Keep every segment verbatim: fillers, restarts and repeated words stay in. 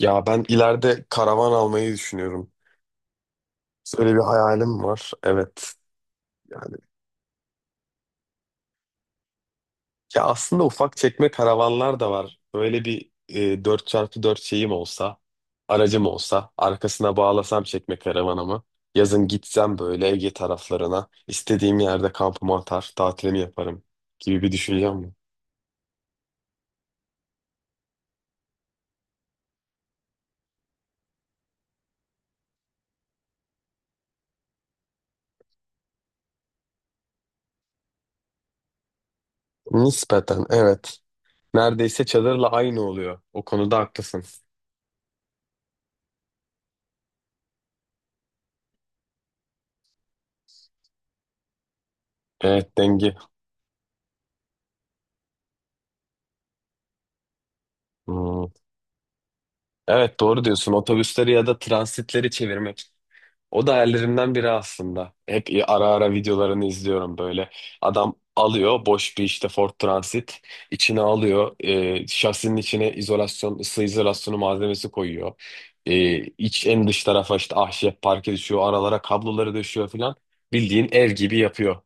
Ya ben ileride karavan almayı düşünüyorum. Böyle bir hayalim var. Evet. Yani ya aslında ufak çekme karavanlar da var. Böyle bir e, dört çarpı dört şeyim olsa, aracım olsa, arkasına bağlasam çekme karavanımı. Yazın gitsem böyle Ege taraflarına, istediğim yerde kampımı atar, tatilimi yaparım gibi bir düşüncem var. Nispeten evet. Neredeyse çadırla aynı oluyor. O konuda haklısın. Evet, denge. Hmm. Evet, doğru diyorsun. Otobüsleri ya da transitleri çevirmek. O da hayallerimden biri aslında. Hep ara ara videolarını izliyorum böyle. Adam alıyor boş bir işte Ford Transit. İçine alıyor. E, şasinin içine izolasyon, ısı izolasyonu malzemesi koyuyor. E, iç en dış tarafa işte ahşap parke düşüyor. Aralara kabloları düşüyor falan. Bildiğin ev gibi yapıyor.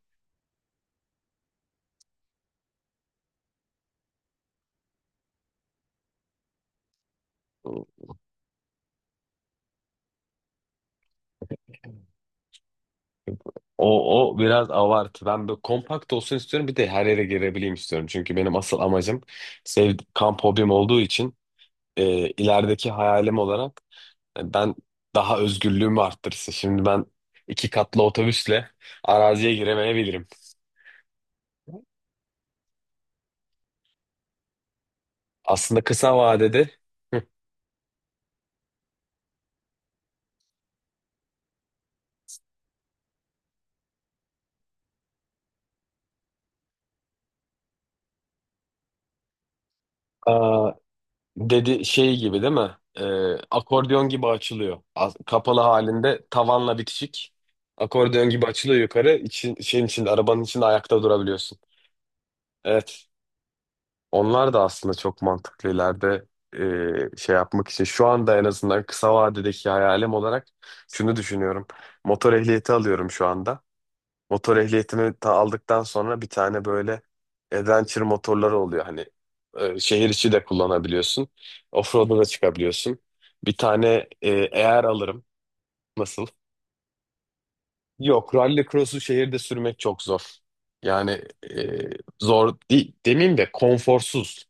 O, o biraz avartı. Ben böyle kompakt olsun istiyorum. Bir de her yere girebileyim istiyorum. Çünkü benim asıl amacım sev kamp hobim olduğu için e, ilerideki hayalim olarak e, ben daha özgürlüğümü arttırsın. Şimdi ben iki katlı otobüsle araziye giremeyebilirim. Aslında kısa vadede. Hı. Aa, dedi şey gibi değil mi? Ee, akordeon gibi açılıyor. Az- Kapalı halinde tavanla bitişik. Akordeon gibi açılıyor yukarı. İçin, şeyin içinde, arabanın içinde ayakta durabiliyorsun. Evet. Onlar da aslında çok mantıklı ileride e, şey yapmak için. Şu anda en azından kısa vadedeki hayalim olarak şunu düşünüyorum. Motor ehliyeti alıyorum şu anda. Motor ehliyetimi ta aldıktan sonra bir tane böyle adventure motorları oluyor. Hani e, şehir içi de kullanabiliyorsun. Offroad'a da çıkabiliyorsun. Bir tane e, eğer alırım. Nasıl? Yok, rally cross'u şehirde sürmek çok zor. Yani e, zor değil, demeyeyim de konforsuz.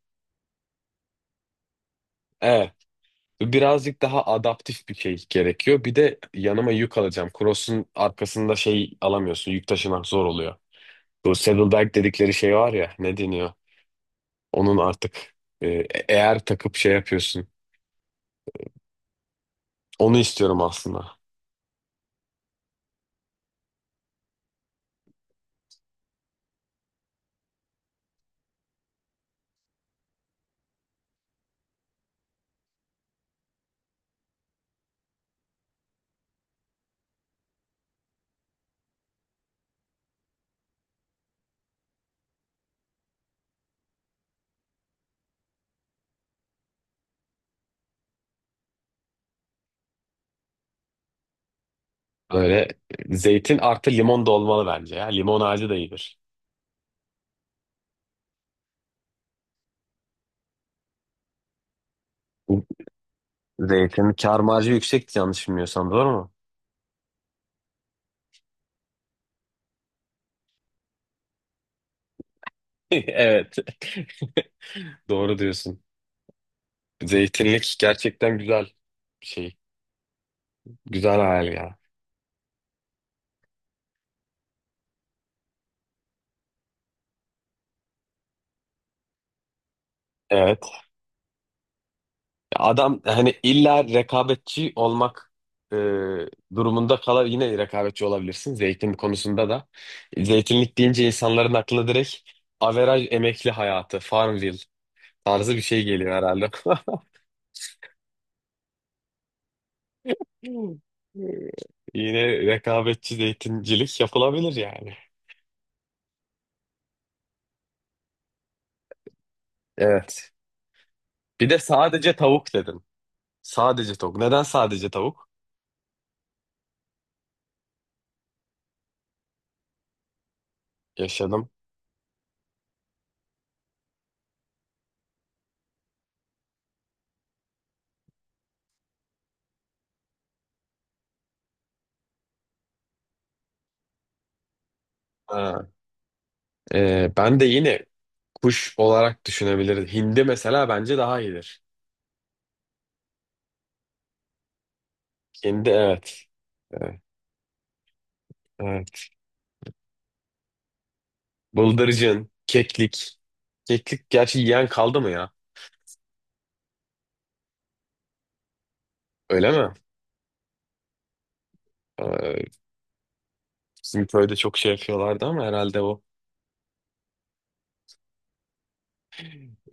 Evet. Birazcık daha adaptif bir şey gerekiyor. Bir de yanıma yük alacağım. Cross'un arkasında şey alamıyorsun. Yük taşımak zor oluyor. Bu saddlebag dedikleri şey var ya, ne deniyor? Onun artık e, eğer takıp şey yapıyorsun. Onu istiyorum aslında. Böyle zeytin artı limon da olmalı bence ya. Limon ağacı da iyidir. Zeytin kâr marjı yüksek, yanlış bilmiyorsam, doğru mu? Evet. Doğru diyorsun. Zeytinlik gerçekten güzel bir şey. Güzel hayal ya. Evet. Adam hani illa rekabetçi olmak e, durumunda kalar, yine rekabetçi olabilirsin zeytin konusunda da. Zeytinlik deyince insanların aklına direkt averaj emekli hayatı, Farmville tarzı bir şey geliyor herhalde. Yine rekabetçi zeytincilik yapılabilir yani. Evet. Bir de sadece tavuk dedim. Sadece tavuk. Neden sadece tavuk? Yaşadım. Ee, ben de yine kuş olarak düşünebiliriz. Hindi mesela bence daha iyidir. Hindi, evet. Evet, evet. Bıldırcın, keklik. Keklik gerçi yiyen kaldı mı ya? Öyle mi? Ee, bizim köyde çok şey yapıyorlardı ama herhalde o.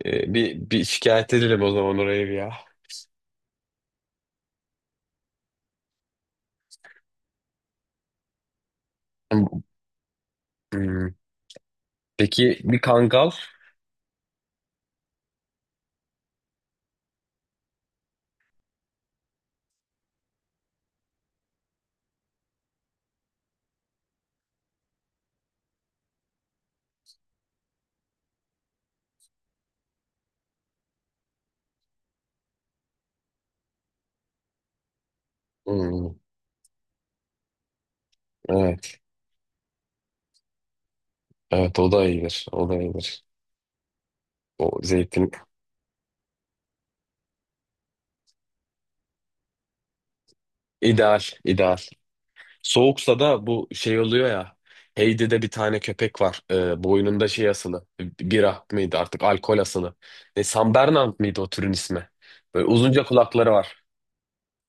Ee, bir, bir şikayet edelim o zaman oraya bir ya. Hmm. Peki bir kangal? Hmm. Evet. Evet, o da iyidir. O da iyidir. O zeytin. İdeal, ideal. Soğuksa da bu şey oluyor ya. Heidi'de bir tane köpek var. Ee, boynunda şey asılı. Bira mıydı, artık alkol asılı. Ne, San Bernard mıydı o türün ismi? Böyle uzunca kulakları var.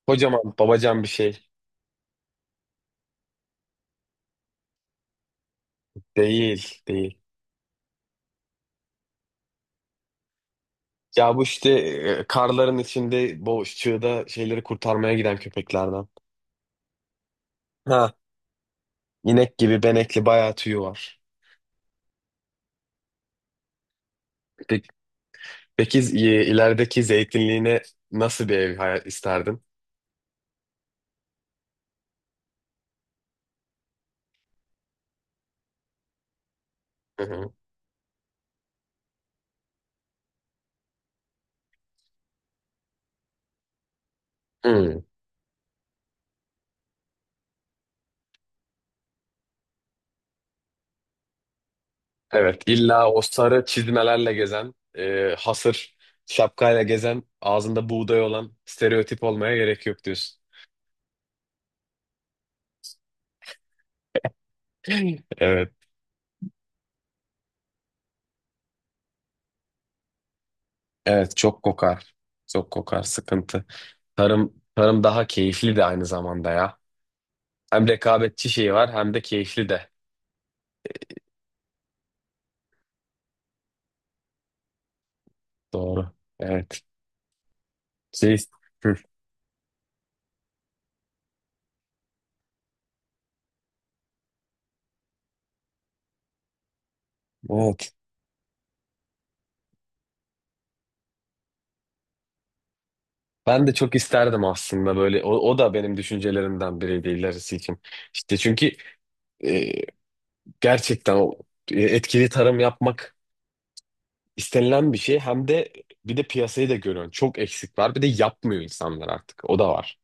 Kocaman babacan bir şey. Değil, değil. Ya, bu işte e, karların içinde boş çığda şeyleri kurtarmaya giden köpeklerden. Ha. inek gibi benekli, bayağı tüyü var. Peki, peki e, ilerideki zeytinliğine nasıl bir ev hayal isterdin? Hı hı. Hı. Evet, illa o sarı çizmelerle gezen, e, hasır şapkayla gezen, ağzında buğday olan stereotip olmaya gerek yok diyorsun. Evet, evet, çok kokar. Çok kokar, sıkıntı. Tarım, tarım daha keyifli de aynı zamanda ya. Hem rekabetçi şeyi var, hem de keyifli de. Doğru. Evet. Şey, Hı, evet. Ben de çok isterdim aslında böyle. O, o da benim düşüncelerimden biriydi ilerisi için. İşte çünkü e, gerçekten o e, etkili tarım yapmak istenilen bir şey, hem de bir de piyasayı da görüyorsun. Çok eksik var. Bir de yapmıyor insanlar artık. O da var.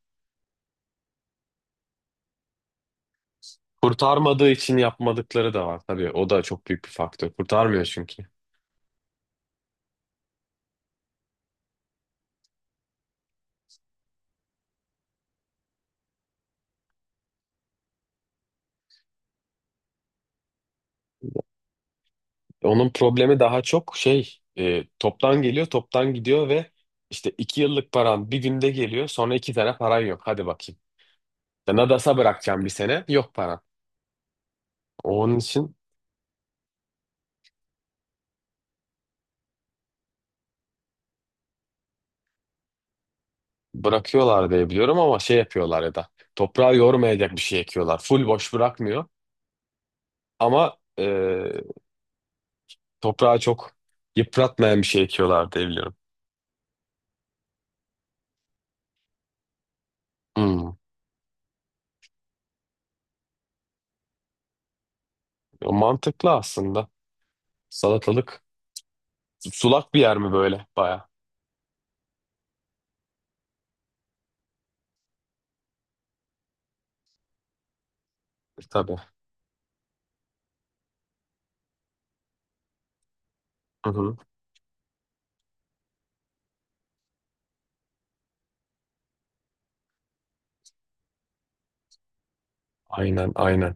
Kurtarmadığı için yapmadıkları da var. Tabii o da çok büyük bir faktör. Kurtarmıyor çünkü. Onun problemi daha çok şey, e, toptan geliyor, toptan gidiyor ve işte iki yıllık paran bir günde geliyor. Sonra iki tane paran yok. Hadi bakayım. Nadas'a bırakacağım bir sene. Yok paran. Onun için bırakıyorlar diye biliyorum ama şey yapıyorlar, ya da toprağı yormayacak bir şey ekiyorlar. Full boş bırakmıyor ama e, toprağı çok yıpratmayan bir şey ekiyorlar diye biliyorum. Hmm. O mantıklı aslında. Salatalık. Sulak bir yer mi böyle? Baya. Tabii. Hı hı. Aynen, aynen.